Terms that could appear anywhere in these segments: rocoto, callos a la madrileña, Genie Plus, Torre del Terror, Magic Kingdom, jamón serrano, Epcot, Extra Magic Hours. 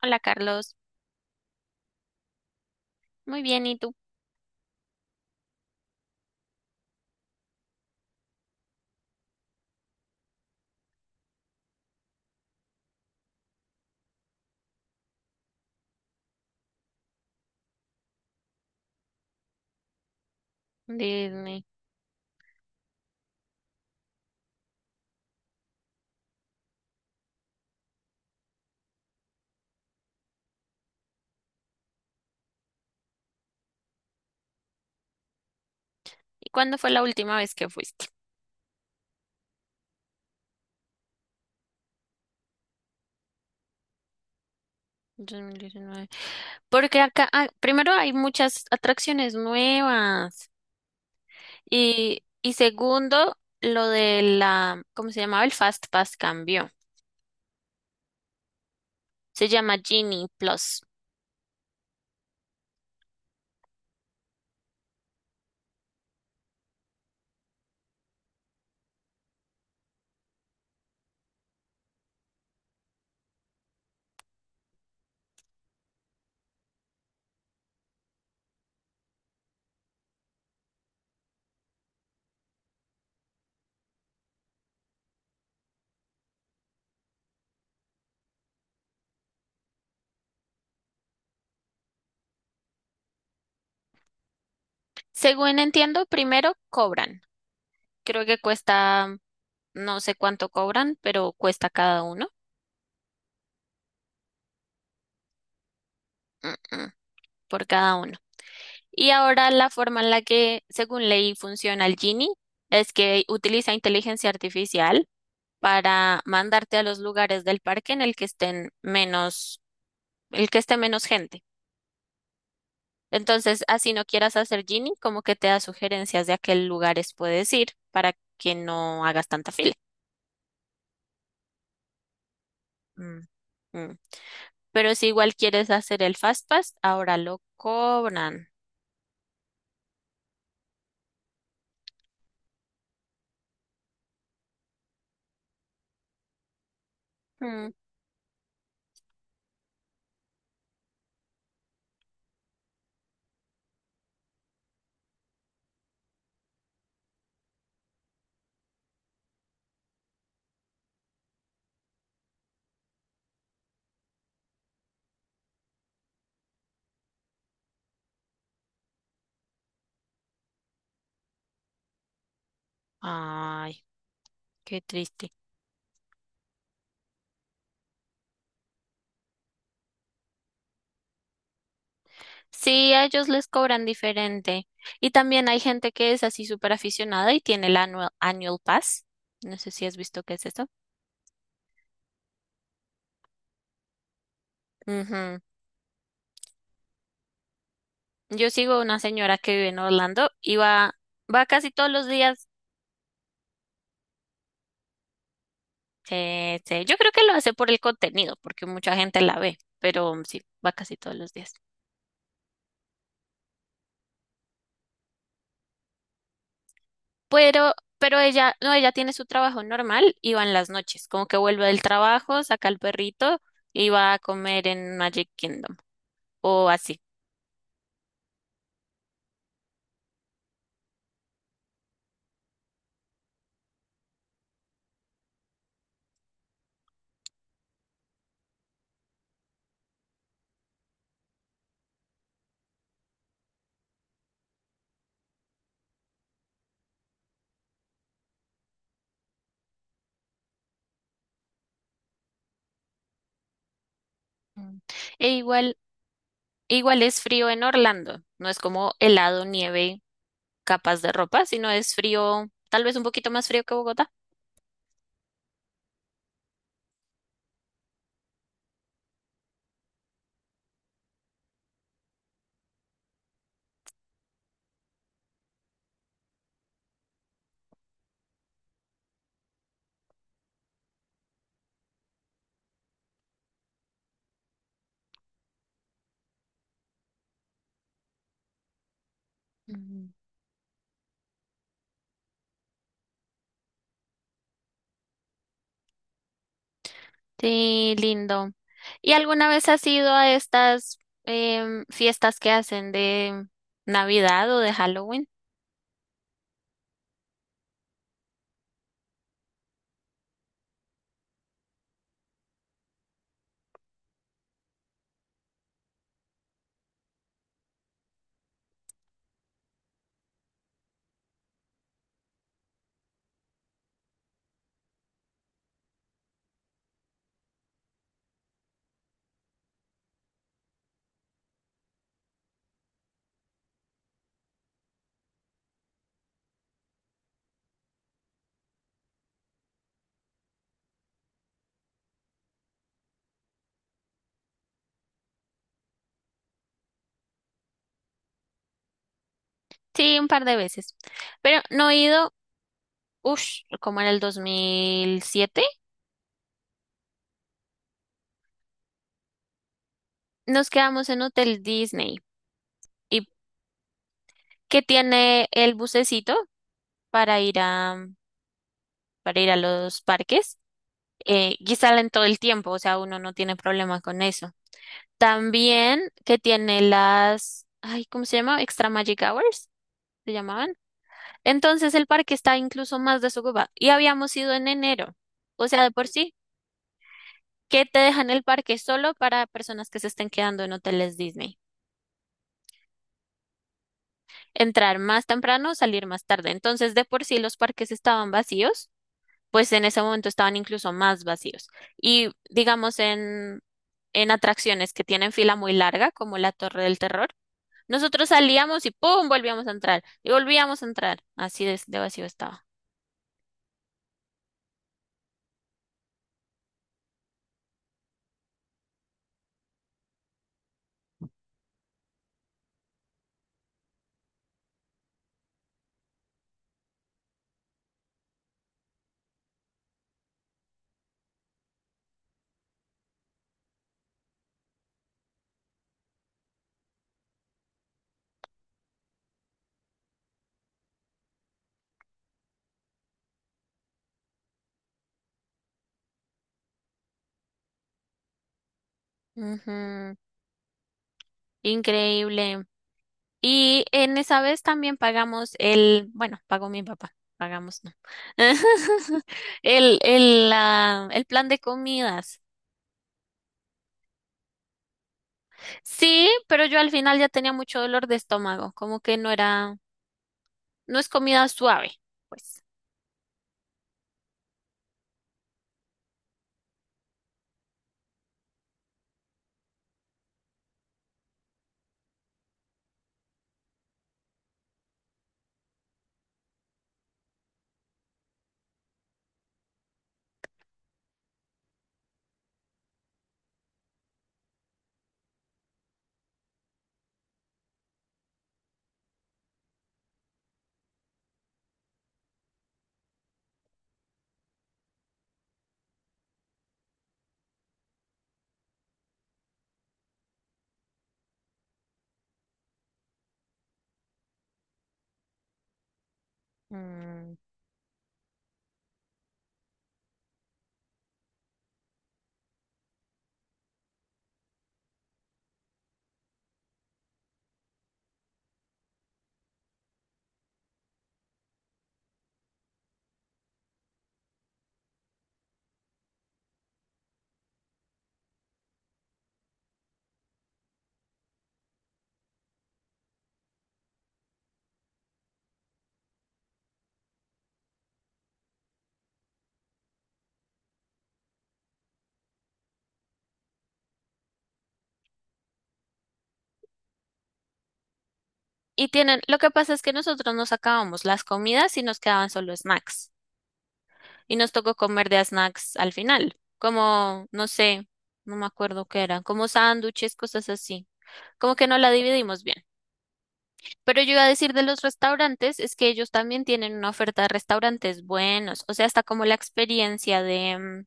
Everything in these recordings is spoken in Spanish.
Hola Carlos, muy bien, ¿y tú? Dime, ¿y cuándo fue la última vez que fuiste? 2019. Porque acá, ah, primero hay muchas atracciones nuevas y segundo, lo de la, ¿cómo se llamaba? El Fast Pass cambió. Se llama Genie Plus. Según entiendo, primero cobran. Creo que cuesta, no sé cuánto cobran, pero cuesta cada uno. Mm, mm, por cada uno. Y ahora la forma en la que, según ley, funciona el Genie es que utiliza inteligencia artificial para mandarte a los lugares del parque en el que estén menos, el que esté menos gente. Entonces, así no quieras hacer Genie, como que te da sugerencias de a qué lugares puedes ir para que no hagas tanta fila. Mm, mm. Pero si igual quieres hacer el Fast Pass, ahora lo cobran. Mm. Ay, qué triste. Sí, a ellos les cobran diferente. Y también hay gente que es así súper aficionada y tiene el annual pass. No sé si has visto qué es esto. Ujú. Yo sigo una señora que vive en Orlando y va casi todos los días. Sí, sí. Yo creo que lo hace por el contenido, porque mucha gente la ve, pero sí, va casi todos los días. Pero, pero ella, no, ella tiene su trabajo normal y va en las noches, como que vuelve del trabajo, saca al perrito y va a comer en Magic Kingdom o así. Mm. E igual, igual es frío en Orlando, no es como helado, nieve, capas de ropa, sino es frío, tal vez un poquito más frío que Bogotá. Mm. Sí, lindo. ¿Y alguna vez has ido a estas fiestas que hacen de Navidad o de Halloween? Sí, un par de veces. Pero no he ido, ush, como en el 2007. Nos quedamos en Hotel Disney. ¿Y qué tiene el bucecito para para ir a los parques? Eh, y salen todo el tiempo, o sea, uno no tiene problema con eso. También que tiene las, ay, ¿cómo se llama? Extra Magic Hours, se llamaban. Entonces el parque está incluso más desocupado y habíamos ido en enero, o sea, de por sí, que te dejan el parque solo para personas que se estén quedando en hoteles Disney. Entrar más temprano, salir más tarde. Entonces, de por sí los parques estaban vacíos pues en ese momento estaban incluso más vacíos. Y digamos en atracciones que tienen fila muy larga, como la Torre del Terror, nosotros salíamos y ¡pum! Volvíamos a entrar y volvíamos a entrar. Así de vacío estaba. Ujú. Increíble. Y en esa vez también pagamos el, bueno, pagó mi papá, pagamos no. El plan de comidas. Sí, pero yo al final ya tenía mucho dolor de estómago, como que no es comida suave, pues. Mm. Y tienen, lo que pasa es que nosotros nos acabamos las comidas y nos quedaban solo snacks. Y nos tocó comer de a snacks al final, como, no sé, no me acuerdo qué eran, como sándwiches, cosas así. Como que no la dividimos bien. Pero yo iba a decir de los restaurantes, es que ellos también tienen una oferta de restaurantes buenos. O sea, hasta como la experiencia de, mm,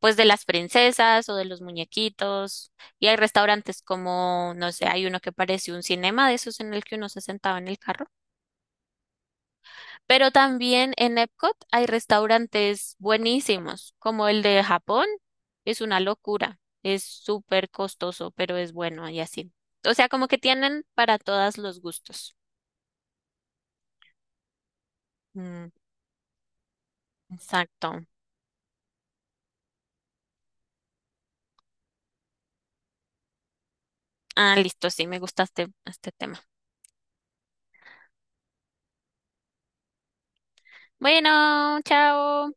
pues de las princesas o de los muñequitos. Y hay restaurantes como, no sé, hay uno que parece un cinema de esos en el que uno se sentaba en el carro. Pero también en Epcot hay restaurantes buenísimos, como el de Japón. Es una locura. Es súper costoso, pero es bueno y así. O sea, como que tienen para todos los gustos. Mm, exacto. Ah, listo, sí, me gusta este, este tema. Bueno, chao.